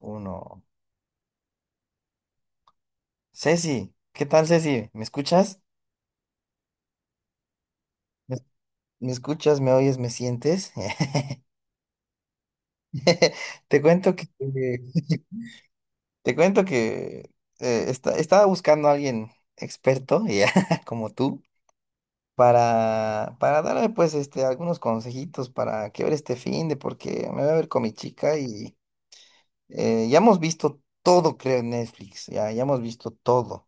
Uno. Ceci, ¿qué tal, Ceci? ¿Me escuchas? ¿Me, me escuchas? ¿Me oyes? ¿Me sientes? Te cuento que te cuento que estaba buscando a alguien experto, ya, como tú, para darle pues este, algunos consejitos para que ver este finde, porque me voy a ver con mi chica y ya hemos visto todo, creo, en Netflix, ya, ya hemos visto todo.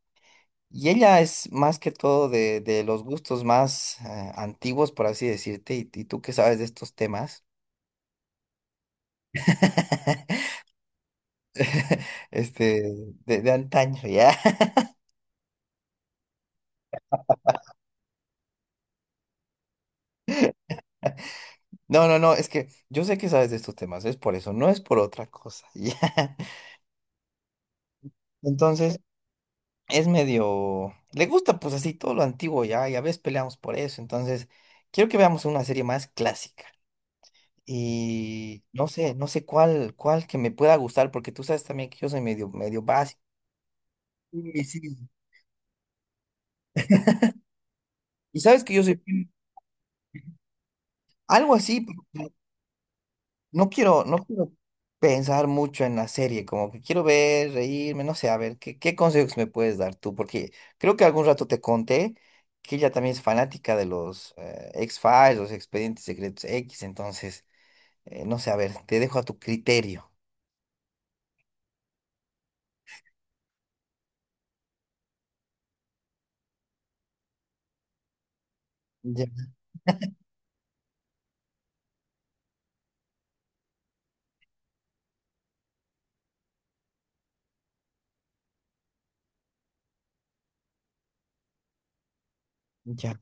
Y ella es más que todo de los gustos más antiguos, por así decirte, y tú que sabes de estos temas, este, de antaño, ¿ya? No, no, no, es que yo sé que sabes de estos temas, es por eso, no es por otra cosa, ¿ya? Entonces, es medio, le gusta pues así todo lo antiguo, ¿ya? Y a veces peleamos por eso, entonces, quiero que veamos una serie más clásica. Y no sé, no sé cuál que me pueda gustar, porque tú sabes también que yo soy medio, medio básico. Sí, sí. Y sabes que yo soy algo así, pero no quiero pensar mucho en la serie, como que quiero ver, reírme, no sé, a ver, ¿qué consejos me puedes dar tú? Porque creo que algún rato te conté que ella también es fanática de los X-Files, los Expedientes Secretos X, entonces, no sé, a ver, te dejo a tu criterio. Ya, ya.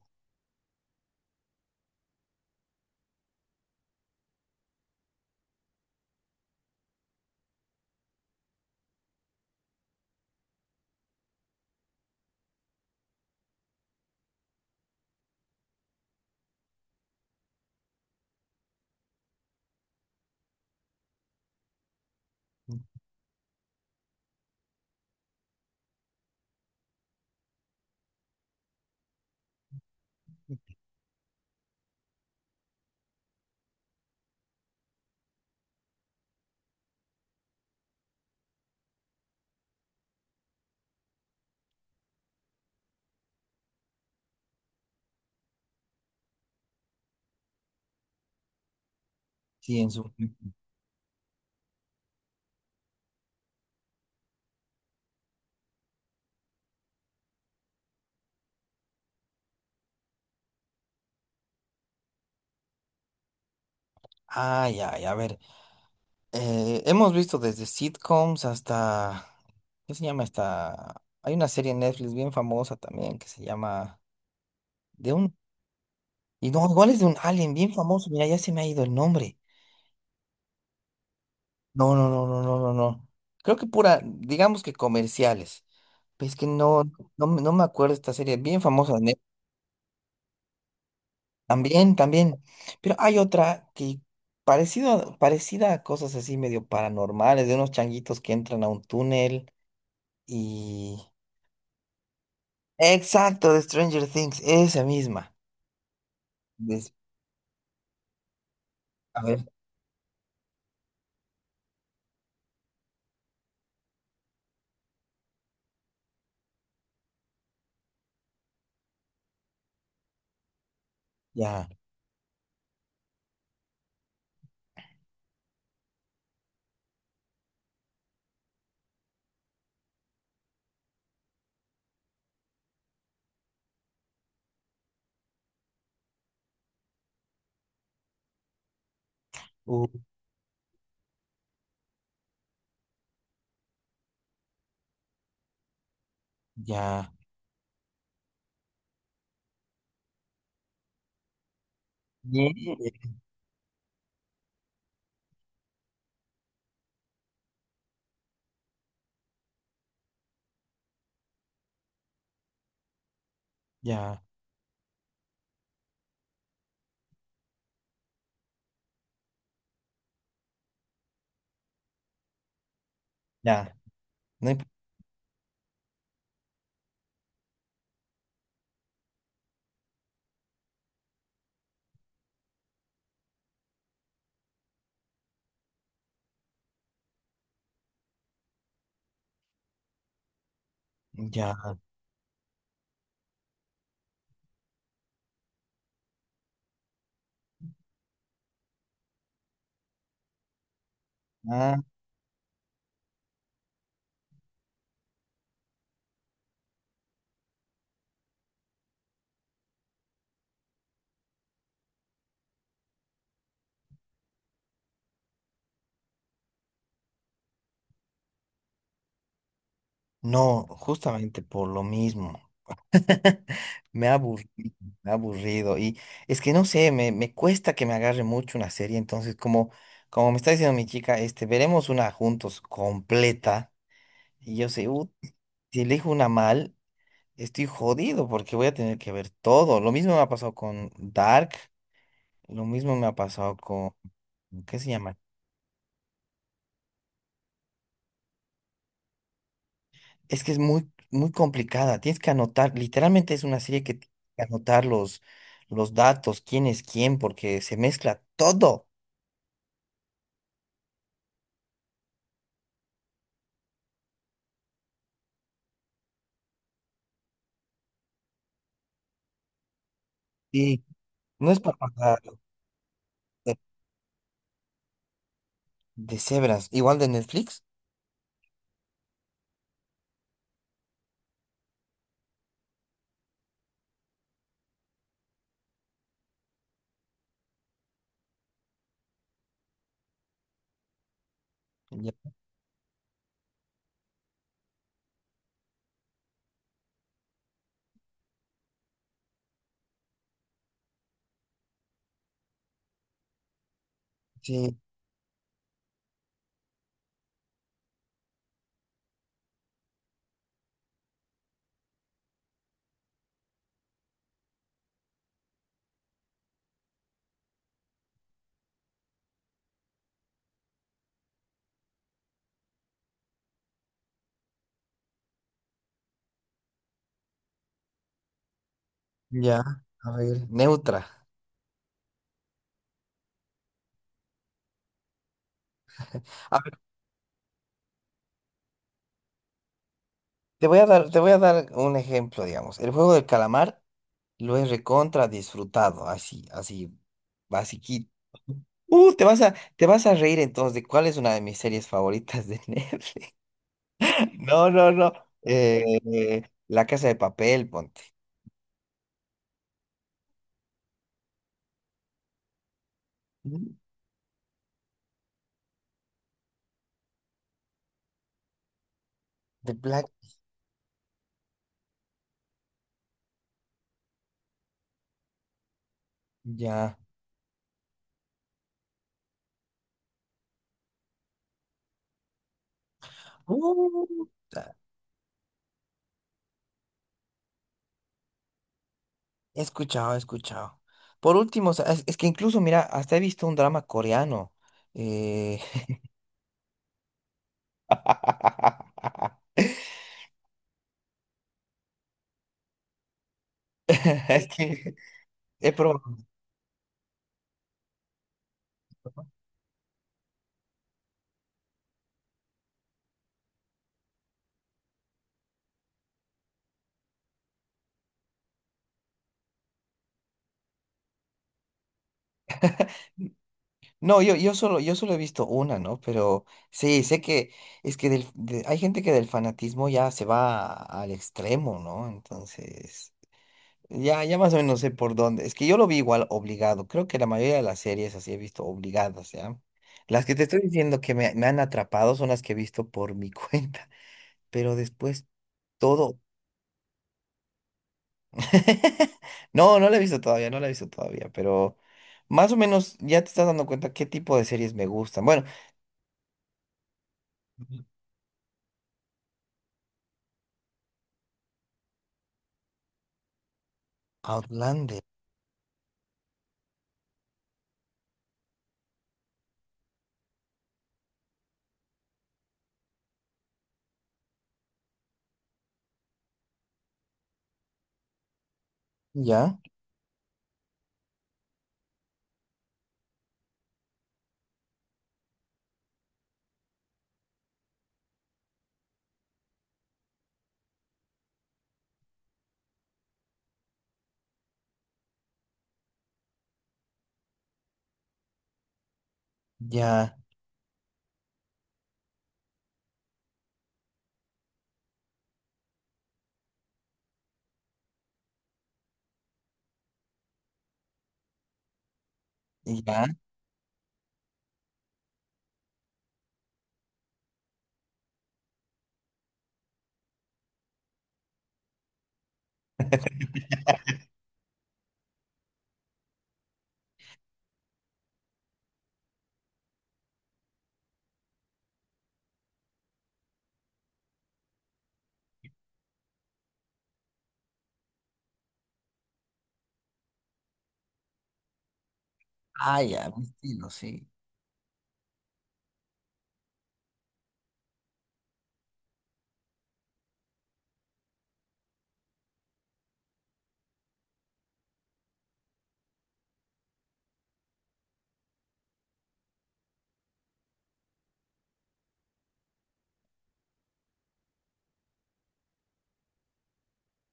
Sí, en su... Ay, ay, a ver. Hemos visto desde sitcoms hasta, ¿qué se llama esta? Hay una serie en Netflix bien famosa también que se llama de un y no, igual es de un alien bien famoso. Mira, ya se me ha ido el nombre. No, no, no, no, no, no, no. Creo que pura, digamos que comerciales. Pues es que no, no, me no me acuerdo esta serie bien famosa de Netflix. También, también. Pero hay otra que parecido, parecida a cosas así medio paranormales de unos changuitos que entran a un túnel. Exacto, de Stranger Things, esa misma. Des- a ver, ya, u, ya, ye, ya, ya, no, hay- ya, ah, no, justamente por lo mismo. Me ha aburrido, me ha aburrido. Y es que no sé, me cuesta que me agarre mucho una serie. Entonces, como, como me está diciendo mi chica, este, veremos una juntos completa. Y yo sé, si elijo una mal, estoy jodido porque voy a tener que ver todo. Lo mismo me ha pasado con Dark, lo mismo me ha pasado con, ¿qué se llama? Es que es muy, muy complicada. Tienes que anotar, literalmente es una serie que tienes que anotar los datos, quién es quién, porque se mezcla todo. Y no es para pasar de, de cebras, igual de Netflix. Ya, sí, ya. A ver, neutra. A ver, te voy a dar un ejemplo, digamos. El juego del calamar lo he recontra disfrutado, así, así, basiquito. Te vas a reír entonces de cuál es una de mis series favoritas de Netflix. No, no, no. eh, La Casa de Papel, ponte. Mm, The Black. Ya. Uh, ta- he escuchado, he escuchado. Por último, o sea, es que incluso, mira, hasta he visto un drama coreano. Eh, es que he probado. No, yo, yo solo he visto una, ¿no? Pero sí, sé que es que hay gente que del fanatismo ya se al extremo, ¿no? Entonces, ya, ya más o menos sé por dónde. Es que yo lo vi igual obligado. Creo que la mayoría de las series así he visto obligadas, ¿ya? Las que te estoy diciendo que me han atrapado son las que he visto por mi cuenta. Pero después todo. No, no la he visto todavía, no la he visto todavía, pero más o menos ya te estás dando cuenta qué tipo de series me gustan. Bueno. Ujú. Outlander. Ya, ya, ya. Ah, ya, mi estilo, sí.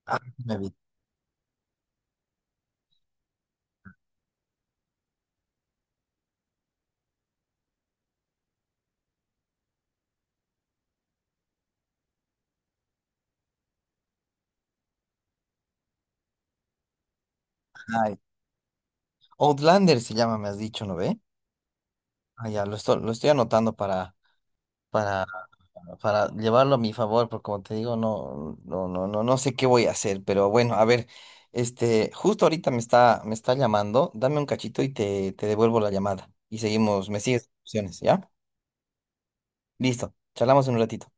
Ah, me vi- ay. Outlander se llama, me has dicho, ¿no ve? Ah, ya, lo estoy anotando para, para llevarlo a mi favor, porque como te digo, no, no, no, no, no sé qué voy a hacer, pero bueno, a ver, este, justo ahorita me está llamando, dame un cachito y te devuelvo la llamada. Y seguimos, me sigues opciones, ¿ya? Listo, charlamos en un ratito.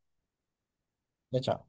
Ya, chao.